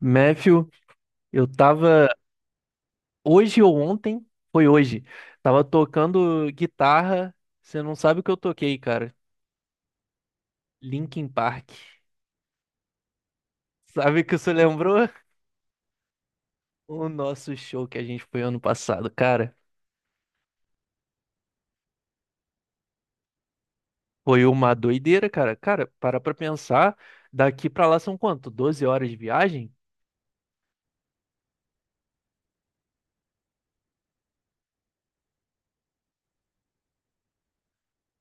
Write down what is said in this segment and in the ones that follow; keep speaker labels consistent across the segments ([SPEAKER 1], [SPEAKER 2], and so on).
[SPEAKER 1] Matthew, eu tava hoje ou ontem, foi hoje, tava tocando guitarra. Você não sabe o que eu toquei, cara. Linkin Park. Sabe o que você lembrou? O nosso show que a gente foi ano passado, cara. Foi uma doideira, cara. Cara, para pra pensar, daqui pra lá são quanto? 12 horas de viagem?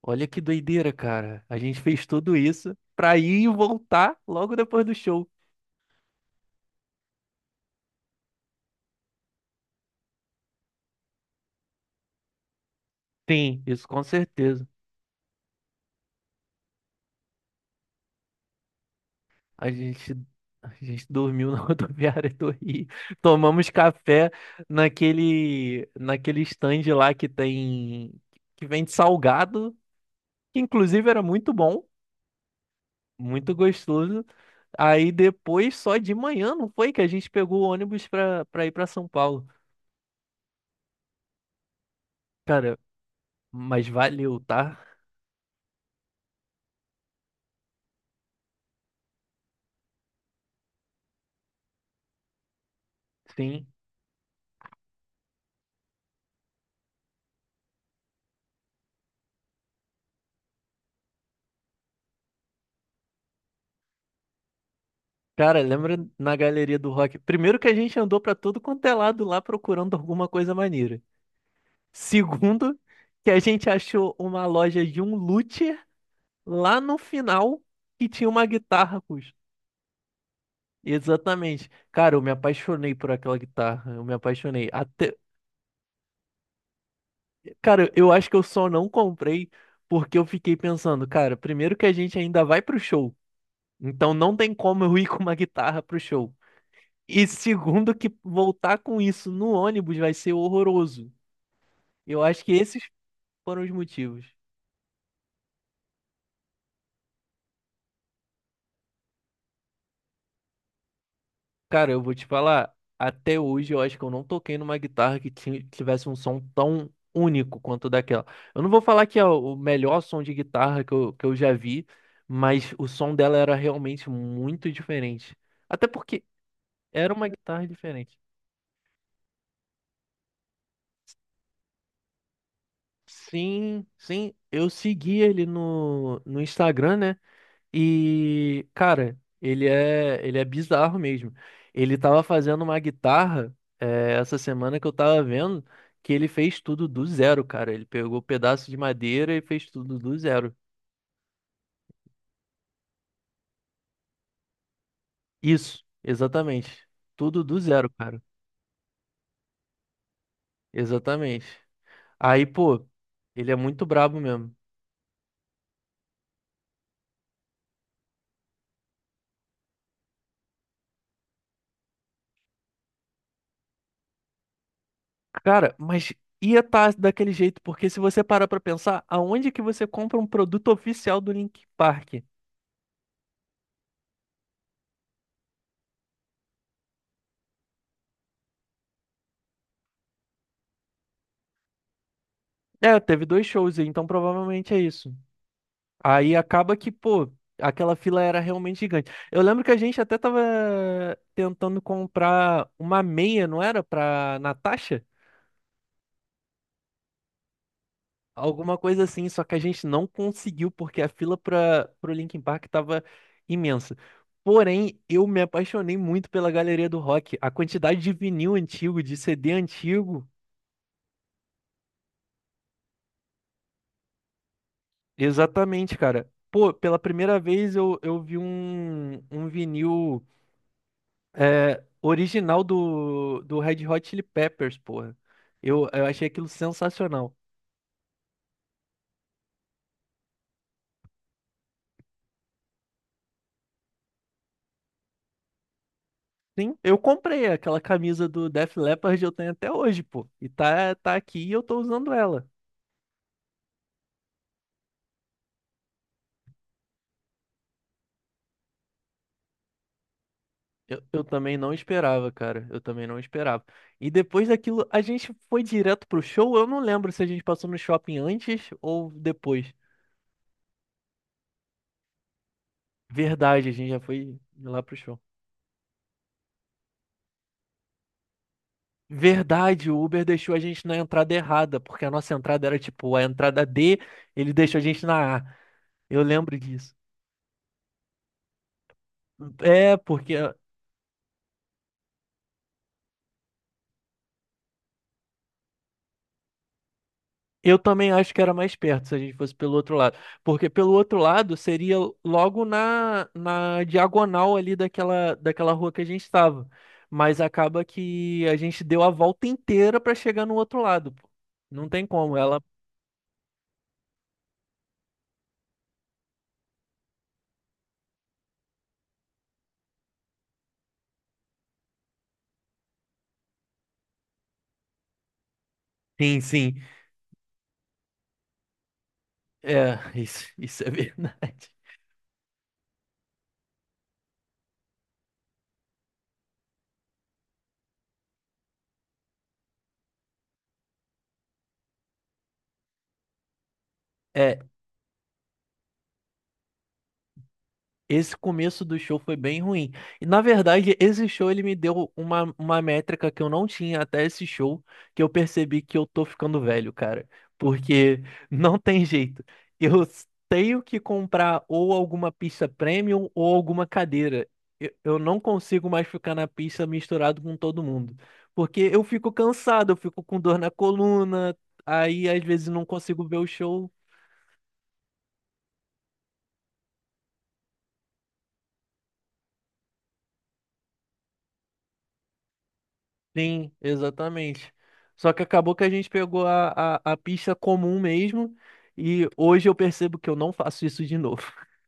[SPEAKER 1] Olha que doideira, cara. A gente fez tudo isso pra ir e voltar logo depois do show. Sim, isso com certeza. A gente, a gente dormiu na rodoviária do Rio. Tomamos café naquele stand lá que tem, que vende salgado, que inclusive era muito bom, muito gostoso. Aí depois, só de manhã, não foi que a gente pegou o ônibus pra ir pra São Paulo. Cara, mas valeu, tá? Sim. Cara, lembra na galeria do rock? Primeiro que a gente andou pra todo quanto é lado lá procurando alguma coisa maneira. Segundo, que a gente achou uma loja de um luthier lá no final que tinha uma guitarra acústica. Exatamente. Cara, eu me apaixonei por aquela guitarra. Eu me apaixonei. Até... Cara, eu acho que eu só não comprei porque eu fiquei pensando, cara, primeiro que a gente ainda vai pro show. Então não tem como eu ir com uma guitarra pro show. E segundo, que voltar com isso no ônibus vai ser horroroso. Eu acho que esses foram os motivos. Cara, eu vou te falar, até hoje eu acho que eu não toquei numa guitarra que tivesse um som tão único quanto daquela. Eu não vou falar que é o melhor som de guitarra que eu já vi, mas o som dela era realmente muito diferente. Até porque era uma guitarra diferente. Sim, sim, eu segui ele no Instagram, né? E, cara, ele é bizarro mesmo. Ele tava fazendo uma guitarra, essa semana que eu tava vendo, que ele fez tudo do zero, cara. Ele pegou um pedaço de madeira e fez tudo do zero. Isso, exatamente. Tudo do zero, cara. Exatamente. Aí, pô, ele é muito brabo mesmo. Cara, mas ia estar daquele jeito, porque se você parar pra pensar, aonde que você compra um produto oficial do Linkin Park? É, teve dois shows, aí, então provavelmente é isso. Aí acaba que, pô, aquela fila era realmente gigante. Eu lembro que a gente até tava tentando comprar uma meia, não era? Pra Natasha? Alguma coisa assim, só que a gente não conseguiu porque a fila para pro Linkin Park tava imensa. Porém, eu me apaixonei muito pela galeria do rock. A quantidade de vinil antigo, de CD antigo. Exatamente, cara. Pô, pela primeira vez eu vi um vinil. É, original do Red Hot Chili Peppers, porra. Eu achei aquilo sensacional. Sim, eu comprei aquela camisa do Def Leppard, eu tenho até hoje, pô. E tá aqui e eu tô usando ela. Eu também não esperava, cara. Eu também não esperava. E depois daquilo, a gente foi direto pro show. Eu não lembro se a gente passou no shopping antes ou depois. Verdade, a gente já foi lá pro show. Verdade, o Uber deixou a gente na entrada errada, porque a nossa entrada era tipo a entrada D, ele deixou a gente na A. Eu lembro disso. É, porque eu também acho que era mais perto se a gente fosse pelo outro lado. Porque pelo outro lado seria logo na diagonal ali daquela rua que a gente estava. Mas acaba que a gente deu a volta inteira para chegar no outro lado. Pô. Não tem como, ela. Sim, sim. É, isso é verdade. É. Esse começo do show foi bem ruim. E na verdade, esse show ele me deu uma métrica que eu não tinha até esse show, que eu percebi que eu tô ficando velho, cara. Porque não tem jeito. Tenho que comprar ou alguma pista premium ou alguma cadeira. Eu não consigo mais ficar na pista misturado com todo mundo. Porque eu fico cansado, eu fico com dor na coluna, aí às vezes não consigo ver o show. Sim, exatamente. Só que acabou que a gente pegou a pista comum mesmo. E hoje eu percebo que eu não faço isso de novo.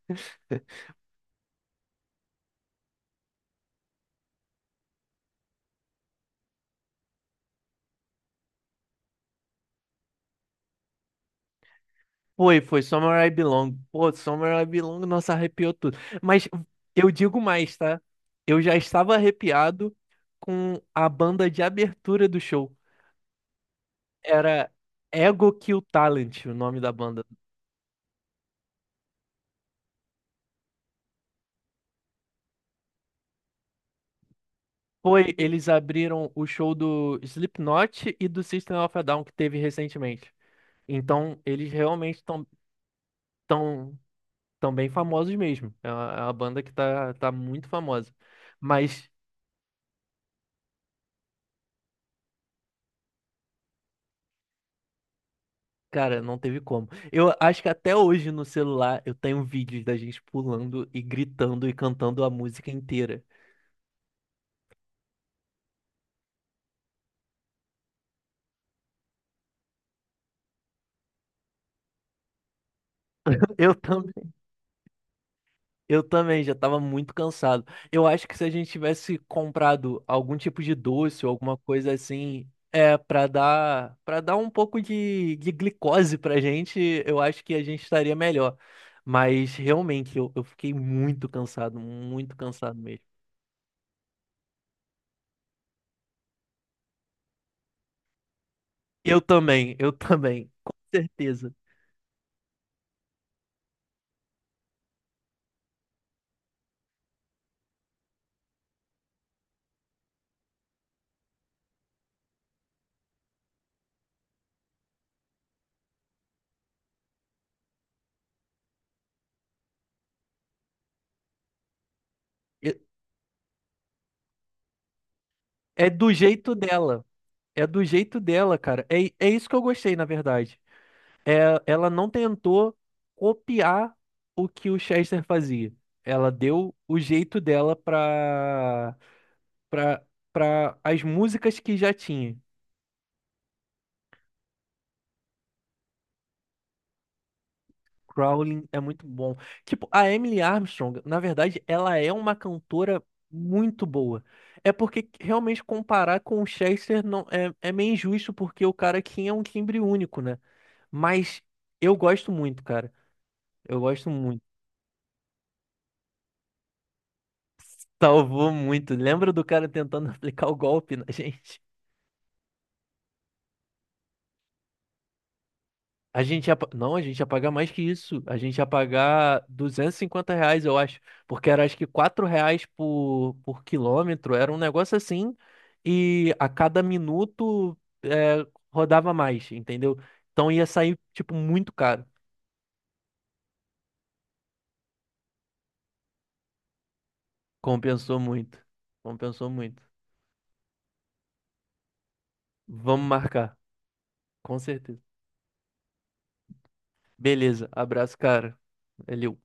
[SPEAKER 1] Foi, foi Somewhere I Belong. Pô, Somewhere I Belong, nossa, arrepiou tudo. Mas eu digo mais, tá? Eu já estava arrepiado com a banda de abertura do show. Era Ego Kill Talent, o nome da banda. Foi, eles abriram o show do Slipknot e do System of a Down que teve recentemente. Então, eles realmente tão, tão bem famosos mesmo. É uma banda que tá muito famosa. Mas, cara, não teve como. Eu acho que até hoje no celular eu tenho vídeos da gente pulando e gritando e cantando a música inteira. Eu, tam- Eu também já estava muito cansado. Eu acho que se a gente tivesse comprado algum tipo de doce ou alguma coisa assim, é para dar um pouco de glicose pra gente, eu acho que a gente estaria melhor. Mas realmente eu fiquei muito cansado mesmo. Eu também, com certeza. E- É do jeito dela, é do jeito dela, cara. É, é isso que eu gostei, na verdade. Ela não tentou copiar o que o Chester fazia. Ela deu o jeito dela para para as músicas que já tinha. Crawling é muito bom. Tipo, a Emily Armstrong, na verdade, ela é uma cantora muito boa. É porque realmente comparar com o Chester não é, é meio injusto porque o cara aqui é um timbre único, né? Mas eu gosto muito, cara. Eu gosto muito. Salvou muito. Lembra do cara tentando aplicar o golpe na gente? A gente ia... Não, a gente ia pagar mais que isso. A gente ia pagar R$ 250, eu acho. Porque era acho que R$ 4 por quilômetro. Era um negócio assim. E a cada minuto é, rodava mais, entendeu? Então ia sair, tipo, muito caro. Compensou muito. Compensou muito. Vamos marcar, com certeza. Beleza, abraço, cara. Valeu.